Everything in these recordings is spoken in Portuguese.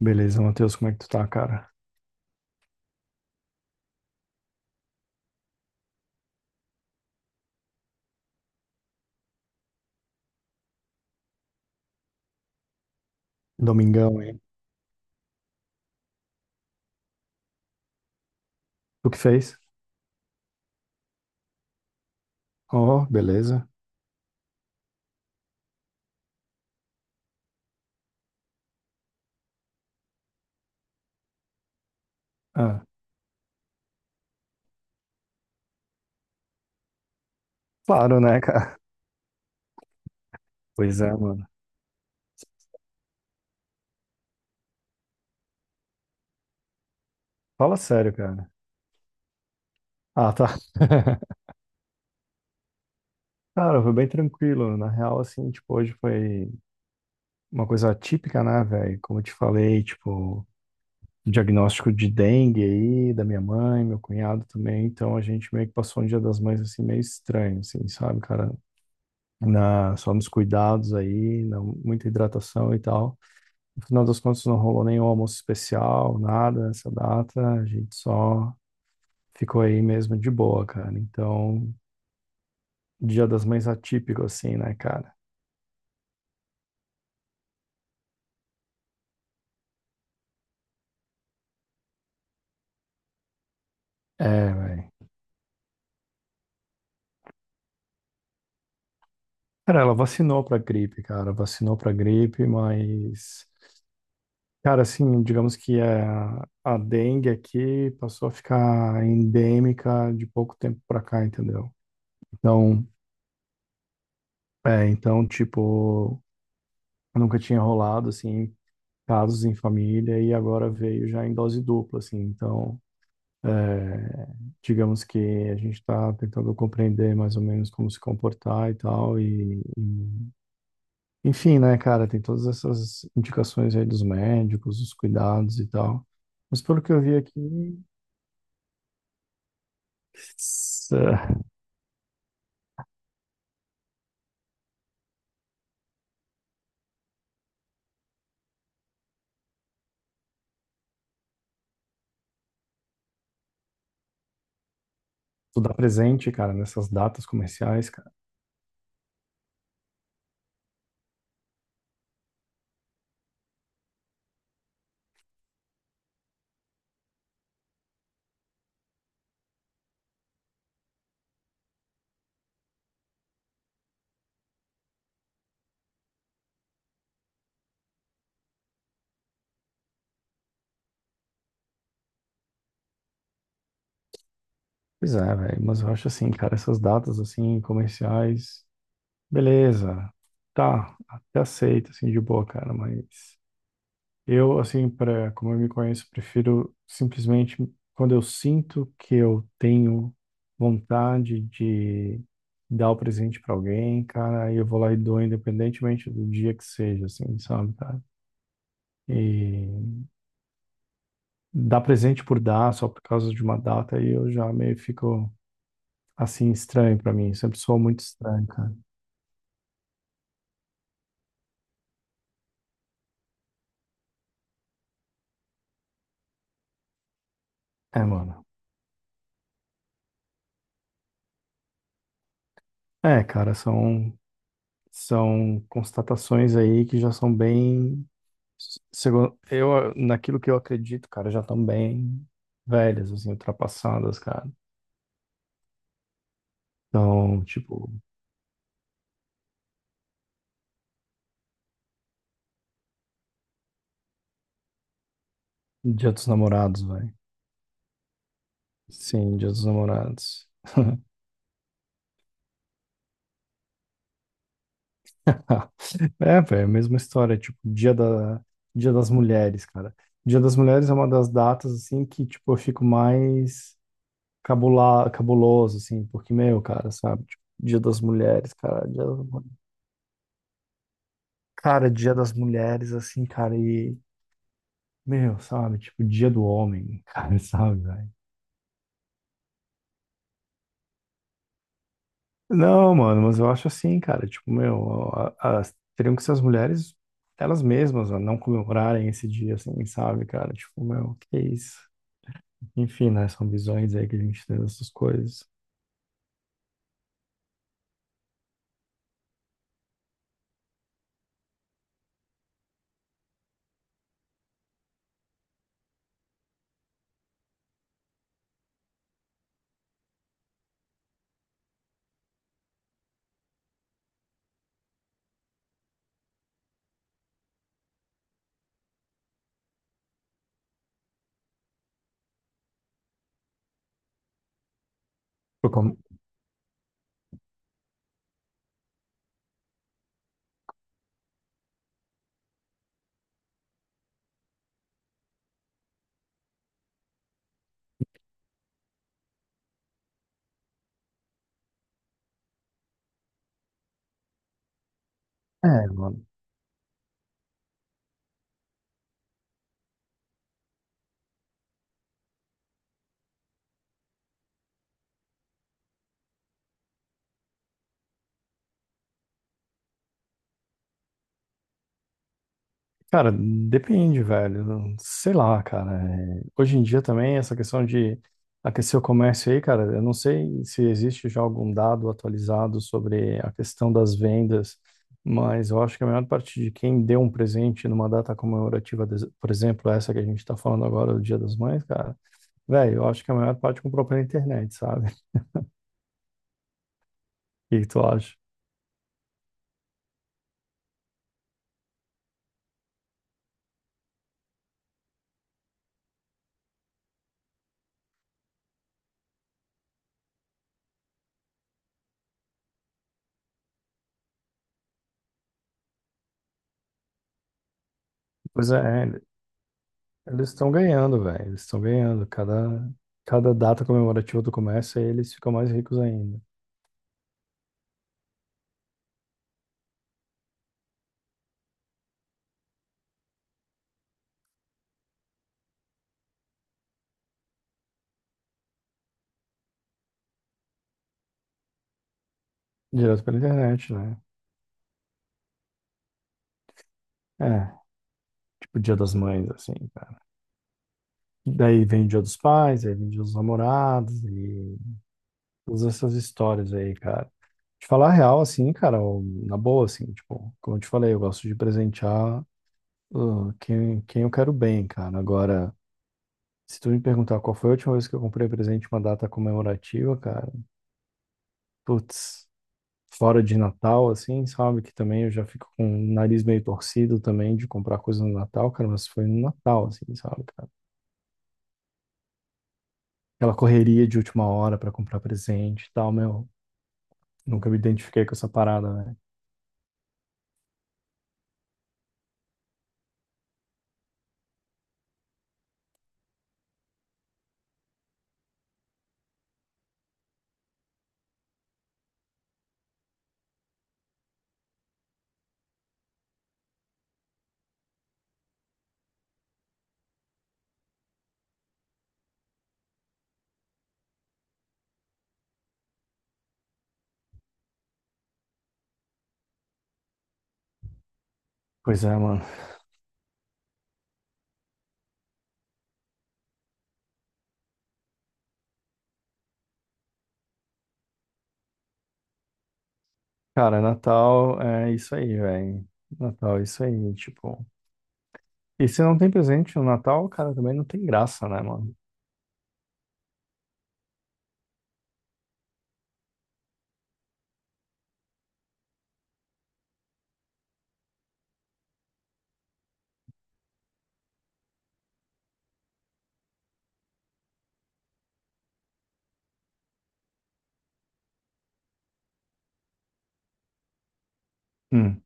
Beleza, Matheus, como é que tu tá, cara? Domingão, hein? Tu que fez? Oh, beleza. Ah, claro, né, cara? Pois é, mano. Fala sério, cara. Ah, tá. Cara, foi bem tranquilo. Na real, assim, tipo, hoje foi uma coisa atípica, né, velho? Como eu te falei, tipo, um diagnóstico de dengue aí, da minha mãe, meu cunhado também. Então a gente meio que passou um Dia das Mães, assim, meio estranho, assim, sabe, cara? Na, só nos cuidados aí, na, muita hidratação e tal. No final das contas, não rolou nenhum almoço especial, nada nessa data. A gente só ficou aí mesmo de boa, cara. Então, Dia das Mães atípico, assim, né, cara? É, velho. Cara, ela vacinou pra gripe, cara. Vacinou pra gripe, mas. Cara, assim, digamos que é a dengue aqui passou a ficar endêmica de pouco tempo pra cá, entendeu? Então, é, então, tipo, nunca tinha rolado, assim, casos em família e agora veio já em dose dupla, assim. Então, é, digamos que a gente está tentando compreender mais ou menos como se comportar e tal. Enfim, né, cara, tem todas essas indicações aí dos médicos, os cuidados e tal. Mas pelo que eu vi aqui, s- eh, tu dá presente, cara, nessas datas comerciais, cara. Pois é, velho, mas eu acho assim, cara, essas datas assim comerciais, beleza. Tá, até aceito assim de boa, cara, mas eu, assim, para como eu me conheço, prefiro simplesmente quando eu sinto que eu tenho vontade de dar o presente para alguém, cara, aí eu vou lá e dou, independentemente do dia que seja, assim, sabe, cara? E dar presente por dar, só por causa de uma data, aí eu já meio fico, assim, estranho para mim. Sempre sou muito estranho, cara. É, mano. É, cara, são constatações aí que já são bem. Segundo, eu, naquilo que eu acredito, cara, já estão bem velhas, assim, ultrapassadas, cara. Então, tipo, Dia dos Namorados, velho. Sim, Dia dos Namorados. É, velho, mesma história, tipo, Dia da, Dia das Mulheres, cara. Dia das Mulheres é uma das datas, assim, que, tipo, eu fico mais cabula, cabuloso, assim, porque, meu, cara, sabe? Tipo, Dia das Mulheres, cara. Dia das... Mulheres. Cara, Dia das Mulheres, assim, cara, e meu, sabe? Tipo, Dia do Homem, cara, sabe, velho? Não, mano, mas eu acho assim, cara. Tipo, meu, as, teriam que ser as mulheres, elas mesmas, ó, não comemorarem esse dia, assim, sabe, cara? Tipo, meu, que isso? Enfim, né? São visões aí que a gente tem dessas coisas. Por como- É, mano. Cara, depende, velho. Sei lá, cara. É, hoje em dia também, essa questão de aquecer o comércio aí, cara, eu não sei se existe já algum dado atualizado sobre a questão das vendas, mas eu acho que a maior parte de quem deu um presente numa data comemorativa, por exemplo, essa que a gente tá falando agora, o Dia das Mães, cara, velho, eu acho que a maior parte comprou pela internet, sabe? O que que tu acha? Pois é, eles estão ganhando, velho. Eles estão ganhando. Cada data comemorativa do comércio, aí eles ficam mais ricos ainda. Direto pela internet, né? É, tipo Dia das Mães, assim, cara. Daí vem o Dia dos Pais, aí vem o Dia dos Namorados e todas essas histórias aí, cara. Te falar a real, assim, cara, na boa, assim, tipo, como eu te falei, eu gosto de presentear quem eu quero bem, cara. Agora, se tu me perguntar qual foi a última vez que eu comprei presente em uma data comemorativa, cara, putz, fora de Natal, assim, sabe? Que também eu já fico com o nariz meio torcido também de comprar coisa no Natal, cara, mas foi no Natal, assim, sabe, cara? Aquela correria de última hora pra comprar presente e tal, meu. Nunca me identifiquei com essa parada, né? Pois é, mano. Cara, Natal é isso aí, velho. Natal é isso aí, tipo. E se não tem presente no Natal, cara, também não tem graça, né, mano? Hum.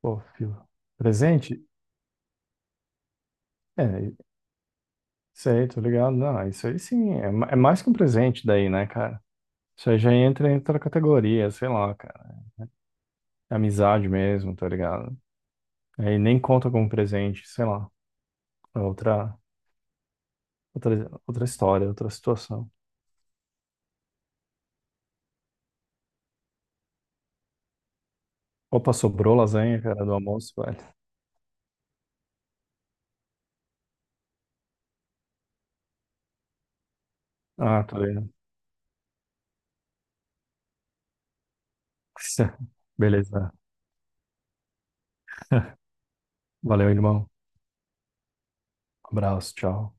Pô, filho. Presente? É, isso aí, tô ligado. Não, isso aí sim. É, é mais que um presente daí, né, cara? Isso aí já entra em outra categoria, sei lá, cara. Amizade mesmo, tá ligado? Aí nem conta como presente, sei lá. É outra, outra história, outra situação. Opa, sobrou lasanha, cara, do almoço, velho. Ah, tá vendo. Beleza. Valeu, irmão. Abraço, tchau.